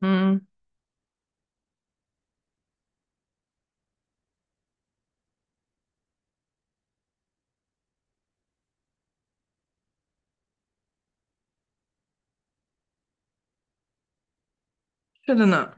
嗯，是的呢。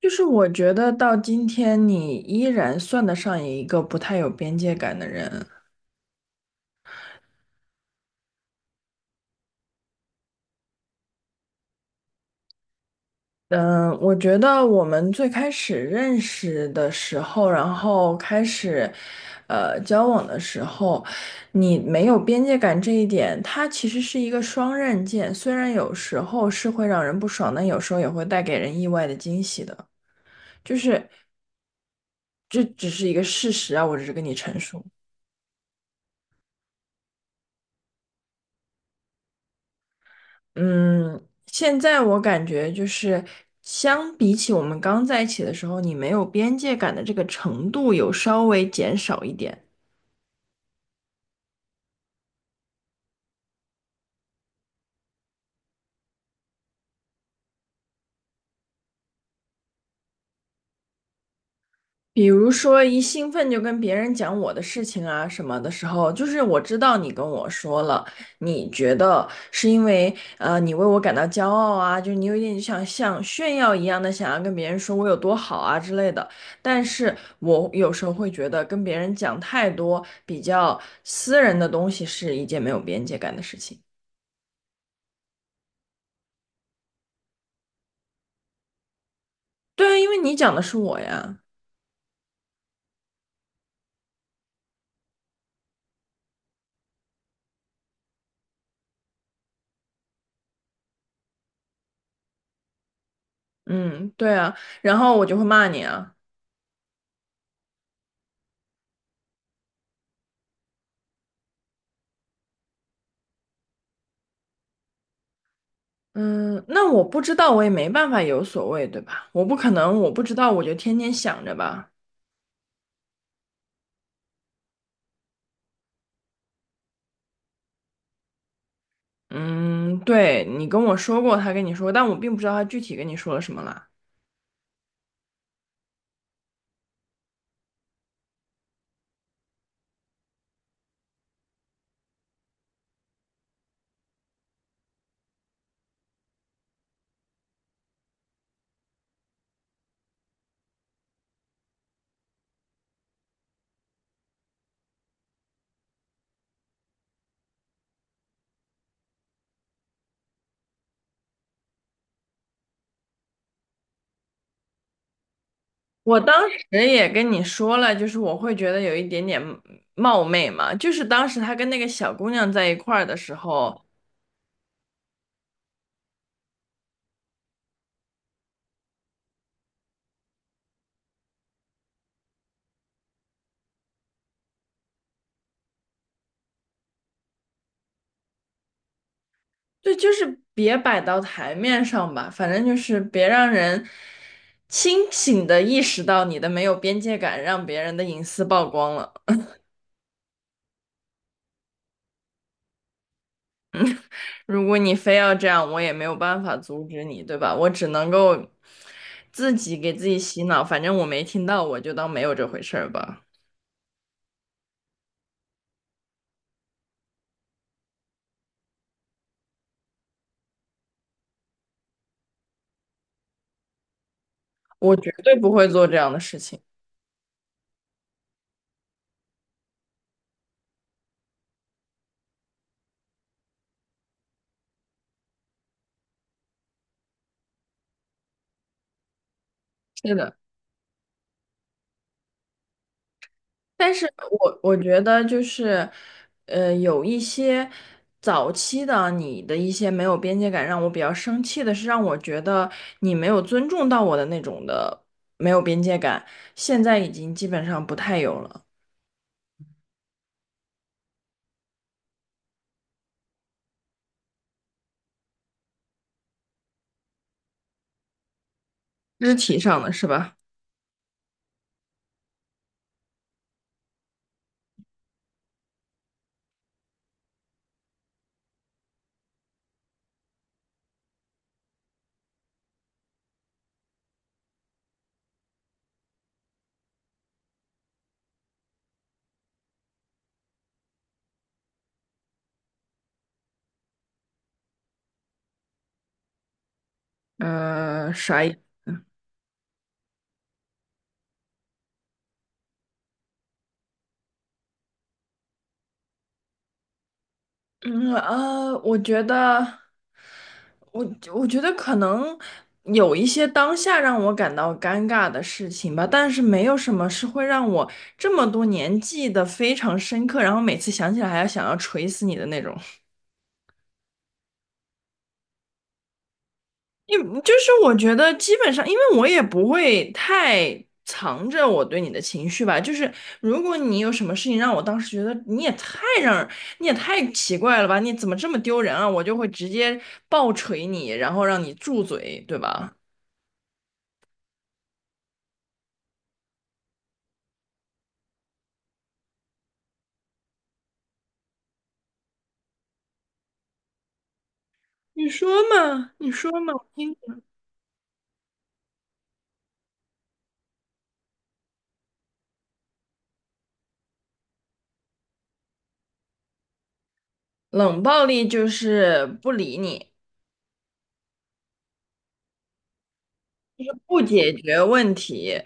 就是我觉得到今天，你依然算得上一个不太有边界感的人。嗯，我觉得我们最开始认识的时候，然后开始，交往的时候，你没有边界感这一点，它其实是一个双刃剑，虽然有时候是会让人不爽，但有时候也会带给人意外的惊喜的。就是这只是一个事实啊，我只是跟你陈述。嗯，现在我感觉就是相比起我们刚在一起的时候，你没有边界感的这个程度有稍微减少一点。比如说，一兴奋就跟别人讲我的事情啊什么的时候，就是我知道你跟我说了，你觉得是因为你为我感到骄傲啊，就是你有一点想像炫耀一样的想要跟别人说我有多好啊之类的。但是我有时候会觉得跟别人讲太多比较私人的东西是一件没有边界感的事情。对啊，因为你讲的是我呀。嗯，对啊，然后我就会骂你啊。嗯，那我不知道，我也没办法有所谓，对吧？我不可能，我不知道，我就天天想着吧。嗯，对，你跟我说过，他跟你说，但我并不知道他具体跟你说了什么啦。我当时也跟你说了，就是我会觉得有一点点冒昧嘛，就是当时他跟那个小姑娘在一块儿的时候，对，就是别摆到台面上吧，反正就是别让人清醒的意识到你的没有边界感，让别人的隐私曝光了。如果你非要这样，我也没有办法阻止你，对吧？我只能够自己给自己洗脑，反正我没听到，我就当没有这回事儿吧。我绝对不会做这样的事情。是的，但是我觉得就是，有一些早期的啊你的一些没有边界感，让我比较生气的是，让我觉得你没有尊重到我的那种的没有边界感，现在已经基本上不太有了。肢体上的是吧？嗯，啥？我觉得，我我觉得可能有一些当下让我感到尴尬的事情吧，但是没有什么是会让我这么多年记得非常深刻，然后每次想起来还要想要锤死你的那种。你就是我觉得基本上，因为我也不会太藏着我对你的情绪吧。就是如果你有什么事情让我当时觉得你也太奇怪了吧，你怎么这么丢人啊？我就会直接暴锤你，然后让你住嘴，对吧？你说嘛，你说嘛，我听听。冷暴力就是不理你，就是不解决问题。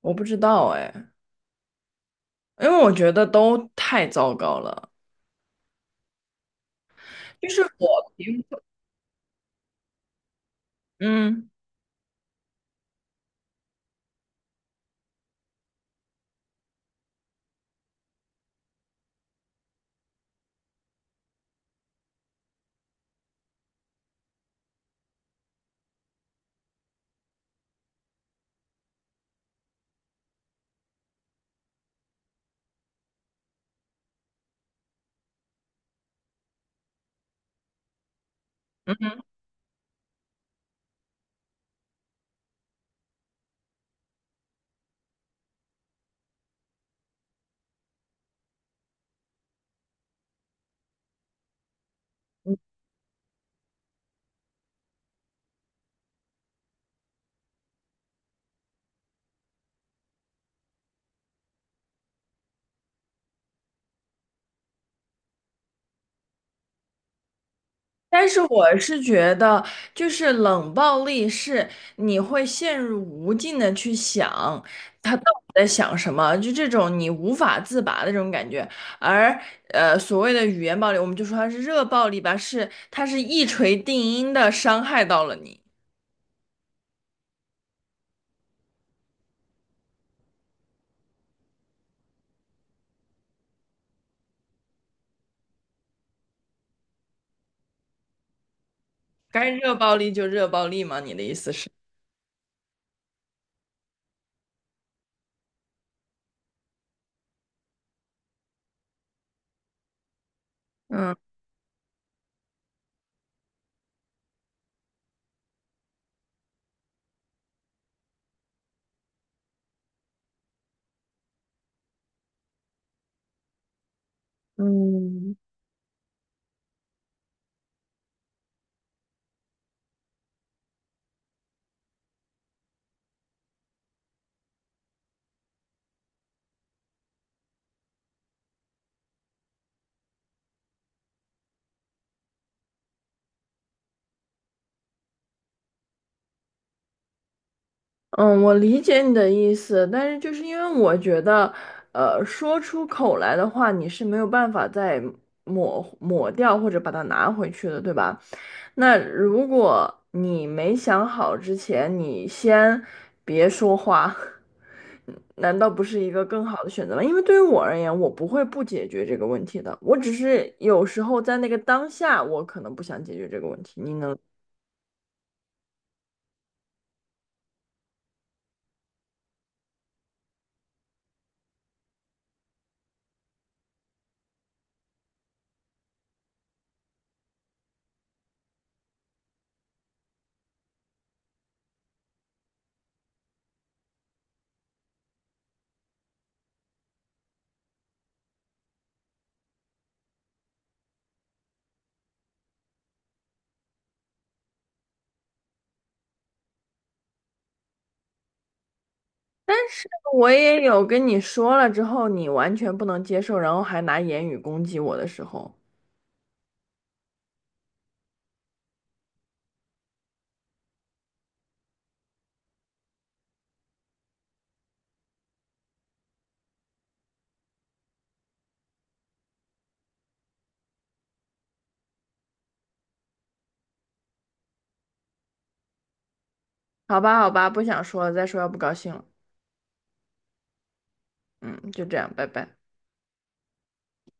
我不知道哎，因为我觉得都太糟糕了。就是我平，嗯。嗯但是我是觉得，就是冷暴力是你会陷入无尽的去想他到底在想什么，就这种你无法自拔的这种感觉。而所谓的语言暴力，我们就说它是热暴力吧，是它是一锤定音的伤害到了你。该热暴力就热暴力吗？你的意思是？嗯嗯，嗯，我理解你的意思，但是就是因为我觉得，说出口来的话，你是没有办法再抹掉或者把它拿回去的，对吧？那如果你没想好之前，你先别说话，难道不是一个更好的选择吗？因为对于我而言，我不会不解决这个问题的，我只是有时候在那个当下，我可能不想解决这个问题。你能？但是我也有跟你说了之后，你完全不能接受，然后还拿言语攻击我的时候，好吧，好吧，不想说了，再说要不高兴了。嗯，就这样，拜拜。